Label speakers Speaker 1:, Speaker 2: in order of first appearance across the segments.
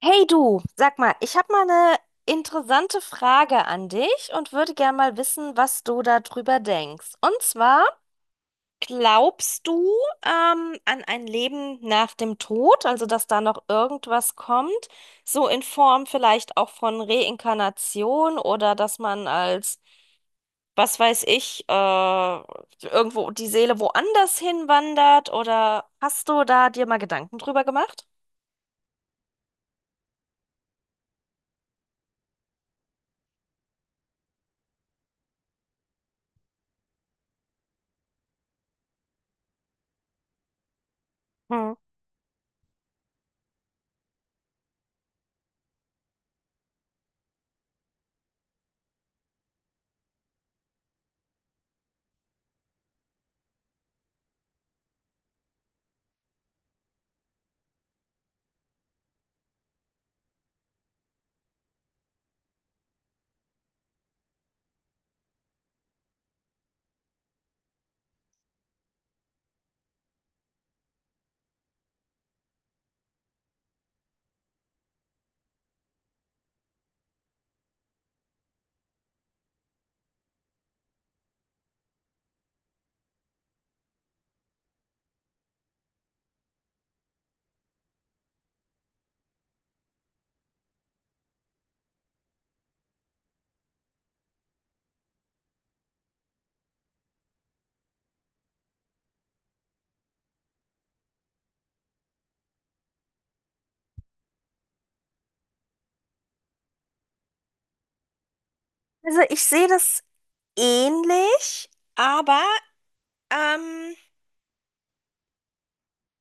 Speaker 1: Hey du, sag mal, ich habe mal eine interessante Frage an dich und würde gerne mal wissen, was du darüber denkst. Und zwar, glaubst du an ein Leben nach dem Tod, also dass da noch irgendwas kommt, so in Form vielleicht auch von Reinkarnation oder dass man als, was weiß ich, irgendwo die Seele woanders hinwandert oder hast du da dir mal Gedanken drüber gemacht? Hm. Also ich sehe das ähnlich, aber ähm,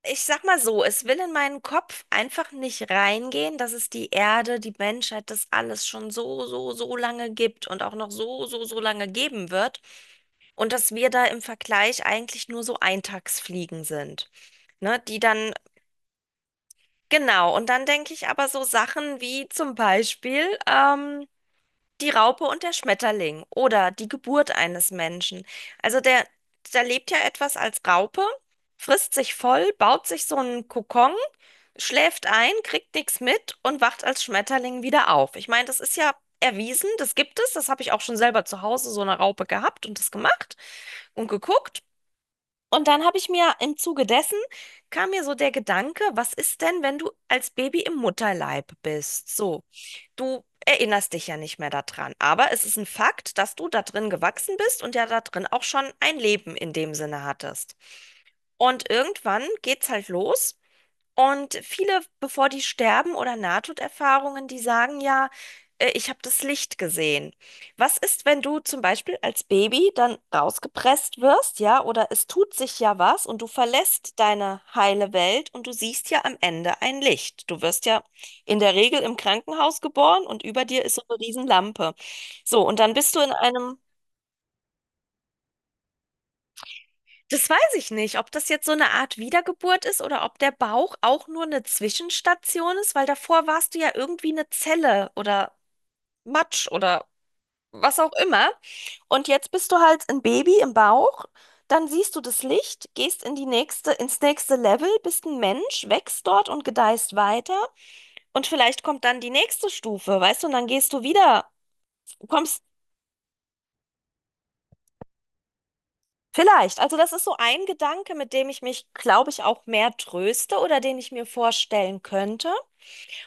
Speaker 1: ich sag mal so, es will in meinen Kopf einfach nicht reingehen, dass es die Erde, die Menschheit, das alles schon so, so, so lange gibt und auch noch so, so, so lange geben wird. Und dass wir da im Vergleich eigentlich nur so Eintagsfliegen sind. Ne, die dann, genau, und dann denke ich aber so Sachen wie zum Beispiel, die Raupe und der Schmetterling oder die Geburt eines Menschen. Also der, der lebt ja etwas als Raupe, frisst sich voll, baut sich so einen Kokon, schläft ein, kriegt nichts mit und wacht als Schmetterling wieder auf. Ich meine, das ist ja erwiesen, das gibt es, das habe ich auch schon selber zu Hause so eine Raupe gehabt und das gemacht und geguckt. Und dann habe ich mir im Zuge dessen kam mir so der Gedanke, was ist denn, wenn du als Baby im Mutterleib bist? So, du erinnerst dich ja nicht mehr daran, aber es ist ein Fakt, dass du da drin gewachsen bist und ja da drin auch schon ein Leben in dem Sinne hattest. Und irgendwann geht's halt los. Und viele, bevor die sterben oder Nahtoderfahrungen, die sagen ja, ich habe das Licht gesehen. Was ist, wenn du zum Beispiel als Baby dann rausgepresst wirst, ja, oder es tut sich ja was und du verlässt deine heile Welt und du siehst ja am Ende ein Licht. Du wirst ja in der Regel im Krankenhaus geboren und über dir ist so eine Riesenlampe. So, und dann bist du in einem. Das weiß ich nicht, ob das jetzt so eine Art Wiedergeburt ist oder ob der Bauch auch nur eine Zwischenstation ist, weil davor warst du ja irgendwie eine Zelle oder Matsch oder was auch immer. Und jetzt bist du halt ein Baby im Bauch, dann siehst du das Licht, gehst in die nächste, ins nächste Level, bist ein Mensch, wächst dort und gedeihst weiter. Und vielleicht kommt dann die nächste Stufe, weißt du, und dann gehst du wieder, kommst. Vielleicht. Also das ist so ein Gedanke, mit dem ich mich, glaube ich, auch mehr tröste oder den ich mir vorstellen könnte.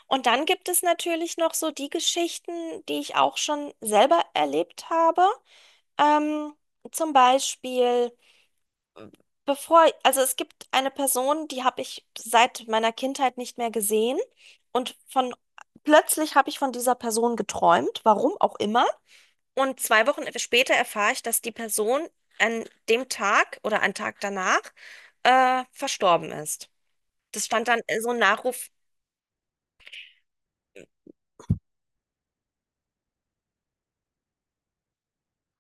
Speaker 1: Und dann gibt es natürlich noch so die Geschichten, die ich auch schon selber erlebt habe. Ähm, zum Beispiel, bevor, also es gibt eine Person, die habe ich seit meiner Kindheit nicht mehr gesehen. Und von plötzlich habe ich von dieser Person geträumt, warum auch immer. Und 2 Wochen später erfahre ich, dass die Person an dem Tag oder einen Tag danach verstorben ist. Das stand dann so ein Nachruf.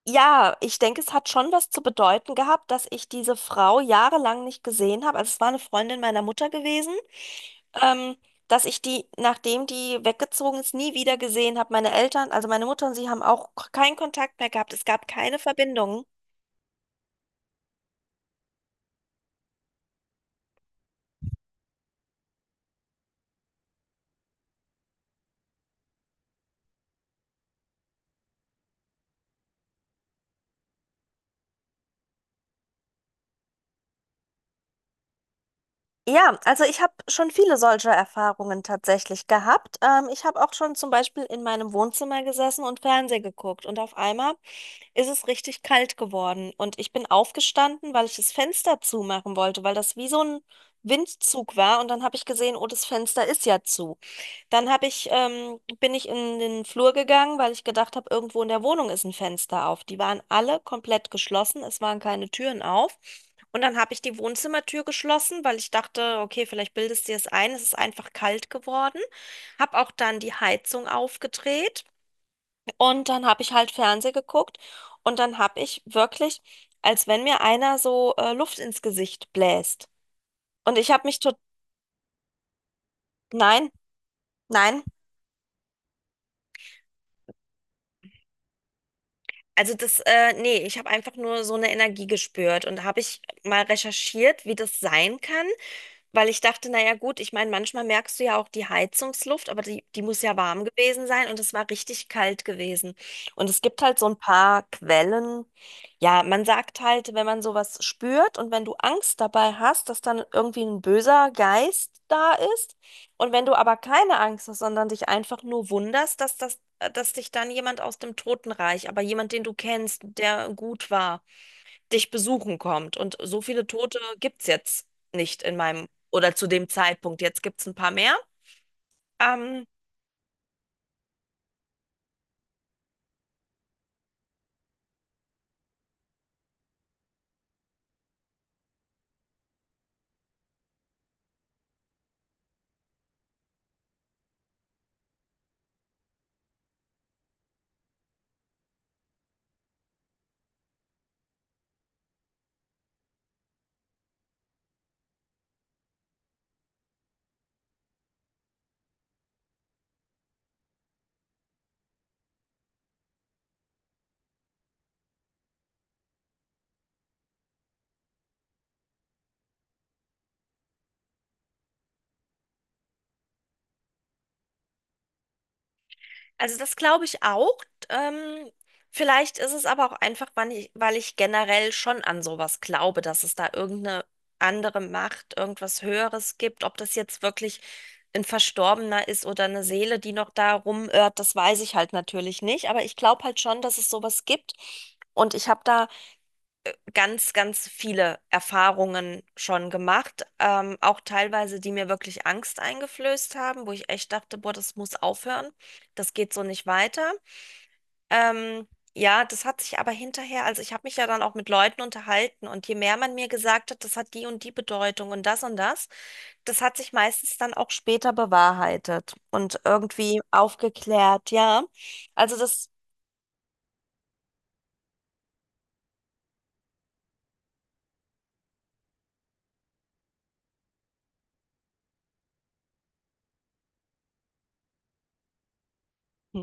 Speaker 1: Ja, ich denke, es hat schon was zu bedeuten gehabt, dass ich diese Frau jahrelang nicht gesehen habe. Also es war eine Freundin meiner Mutter gewesen, ähm, dass ich die, nachdem die weggezogen ist, nie wieder gesehen habe. Meine Eltern, also meine Mutter und sie haben auch keinen Kontakt mehr gehabt. Es gab keine Verbindung. Ja, also ich habe schon viele solcher Erfahrungen tatsächlich gehabt. Ich habe auch schon zum Beispiel in meinem Wohnzimmer gesessen und Fernsehen geguckt und auf einmal ist es richtig kalt geworden. Und ich bin aufgestanden, weil ich das Fenster zumachen wollte, weil das wie so ein Windzug war. Und dann habe ich gesehen, oh, das Fenster ist ja zu. Dann habe ich, bin ich in den Flur gegangen, weil ich gedacht habe, irgendwo in der Wohnung ist ein Fenster auf. Die waren alle komplett geschlossen, es waren keine Türen auf. Und dann habe ich die Wohnzimmertür geschlossen, weil ich dachte, okay, vielleicht bildest du dir es ein, es ist einfach kalt geworden. Habe auch dann die Heizung aufgedreht. Und dann habe ich halt Fernseh geguckt und dann habe ich wirklich, als wenn mir einer so Luft ins Gesicht bläst. Und ich habe mich tot, nein, nein, also das, nee, ich habe einfach nur so eine Energie gespürt und habe ich mal recherchiert, wie das sein kann. Weil ich dachte, naja gut, ich meine, manchmal merkst du ja auch die Heizungsluft, aber die, die muss ja warm gewesen sein und es war richtig kalt gewesen. Und es gibt halt so ein paar Quellen. Ja, man sagt halt, wenn man sowas spürt und wenn du Angst dabei hast, dass dann irgendwie ein böser Geist da ist. Und wenn du aber keine Angst hast, sondern dich einfach nur wunderst, dass das, dass dich dann jemand aus dem Totenreich, aber jemand, den du kennst, der gut war, dich besuchen kommt. Und so viele Tote gibt es jetzt nicht in meinem oder zu dem Zeitpunkt. Jetzt gibt es ein paar mehr. Ähm, also das glaube ich auch. Ähm, vielleicht ist es aber auch einfach, weil ich generell schon an sowas glaube, dass es da irgendeine andere Macht, irgendwas Höheres gibt. Ob das jetzt wirklich ein Verstorbener ist oder eine Seele, die noch da rumirrt, das weiß ich halt natürlich nicht. Aber ich glaube halt schon, dass es sowas gibt. Und ich habe da ganz, ganz viele Erfahrungen schon gemacht, auch teilweise, die mir wirklich Angst eingeflößt haben, wo ich echt dachte, boah, das muss aufhören, das geht so nicht weiter. Ähm, ja, das hat sich aber hinterher, also ich habe mich ja dann auch mit Leuten unterhalten und je mehr man mir gesagt hat, das hat die und die Bedeutung und das, das hat sich meistens dann auch später bewahrheitet und irgendwie aufgeklärt, ja. Also das. Hm.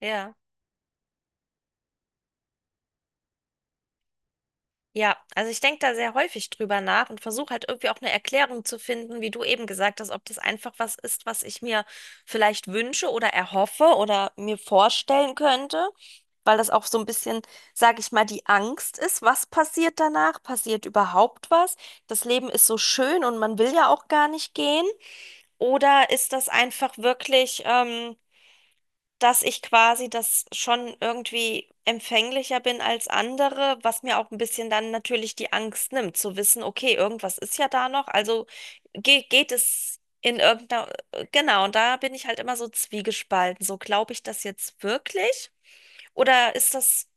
Speaker 1: Ja, ja. Also ich denke da sehr häufig drüber nach und versuche halt irgendwie auch eine Erklärung zu finden, wie du eben gesagt hast, ob das einfach was ist, was ich mir vielleicht wünsche oder erhoffe oder mir vorstellen könnte, weil das auch so ein bisschen, sage ich mal, die Angst ist, was passiert danach? Passiert überhaupt was? Das Leben ist so schön und man will ja auch gar nicht gehen. Oder ist das einfach wirklich, dass ich quasi das schon irgendwie empfänglicher bin als andere, was mir auch ein bisschen dann natürlich die Angst nimmt, zu wissen, okay, irgendwas ist ja da noch, also ge geht es in irgendeiner, genau, und da bin ich halt immer so zwiegespalten, so glaube ich das jetzt wirklich oder ist das,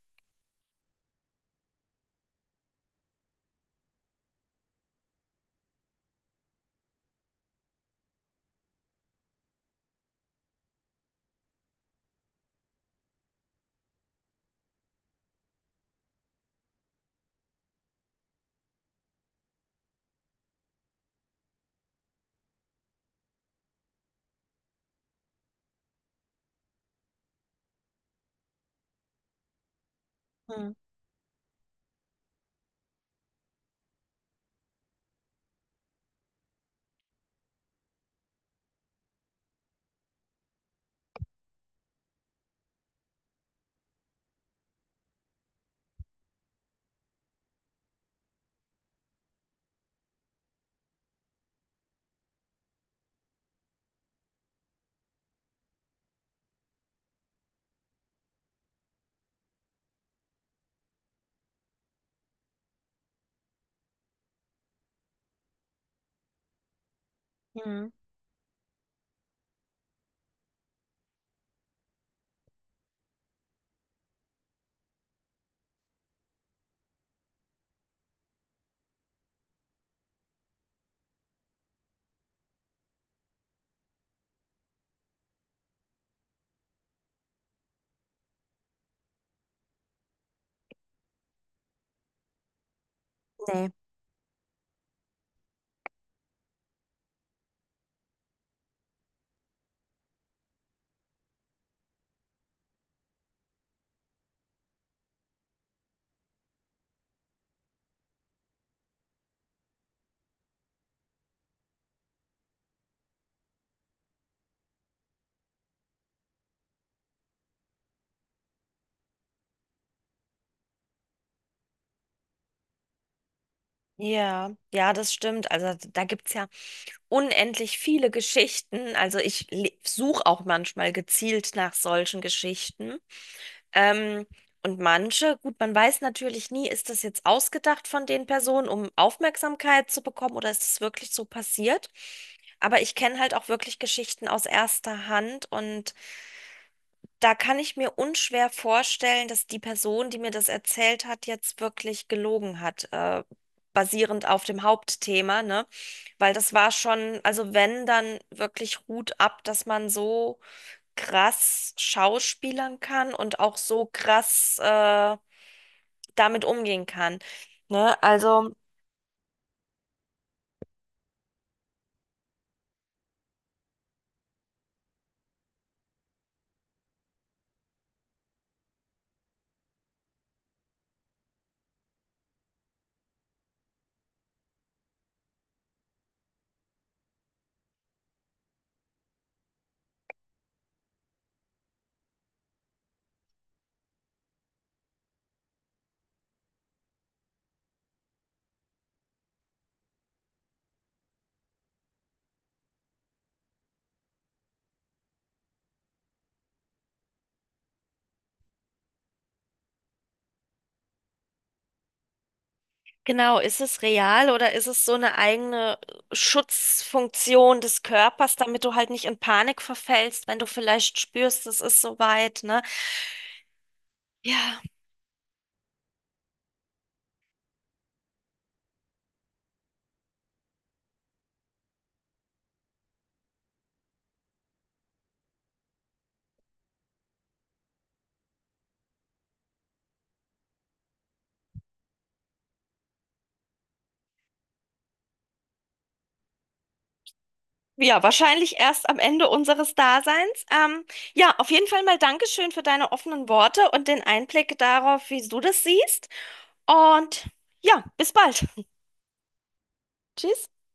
Speaker 1: hm, Hm. Nee. Ja, ja, das stimmt, also da gibt es ja unendlich viele Geschichten, also ich suche auch manchmal gezielt nach solchen Geschichten. Ähm, und manche, gut, man weiß natürlich nie, ist das jetzt ausgedacht von den Personen, um Aufmerksamkeit zu bekommen oder ist es wirklich so passiert? Aber ich kenne halt auch wirklich Geschichten aus erster Hand und da kann ich mir unschwer vorstellen, dass die Person, die mir das erzählt hat, jetzt wirklich gelogen hat, basierend auf dem Hauptthema, ne? Weil das war schon, also wenn, dann wirklich Hut ab, dass man so krass schauspielern kann und auch so krass damit umgehen kann. Ne? Also genau, ist es real oder ist es so eine eigene Schutzfunktion des Körpers, damit du halt nicht in Panik verfällst, wenn du vielleicht spürst, es ist soweit, ne? Ja. Ja, wahrscheinlich erst am Ende unseres Daseins. Ja, auf jeden Fall mal Dankeschön für deine offenen Worte und den Einblick darauf, wie du das siehst. Und ja, bis bald. Tschüss.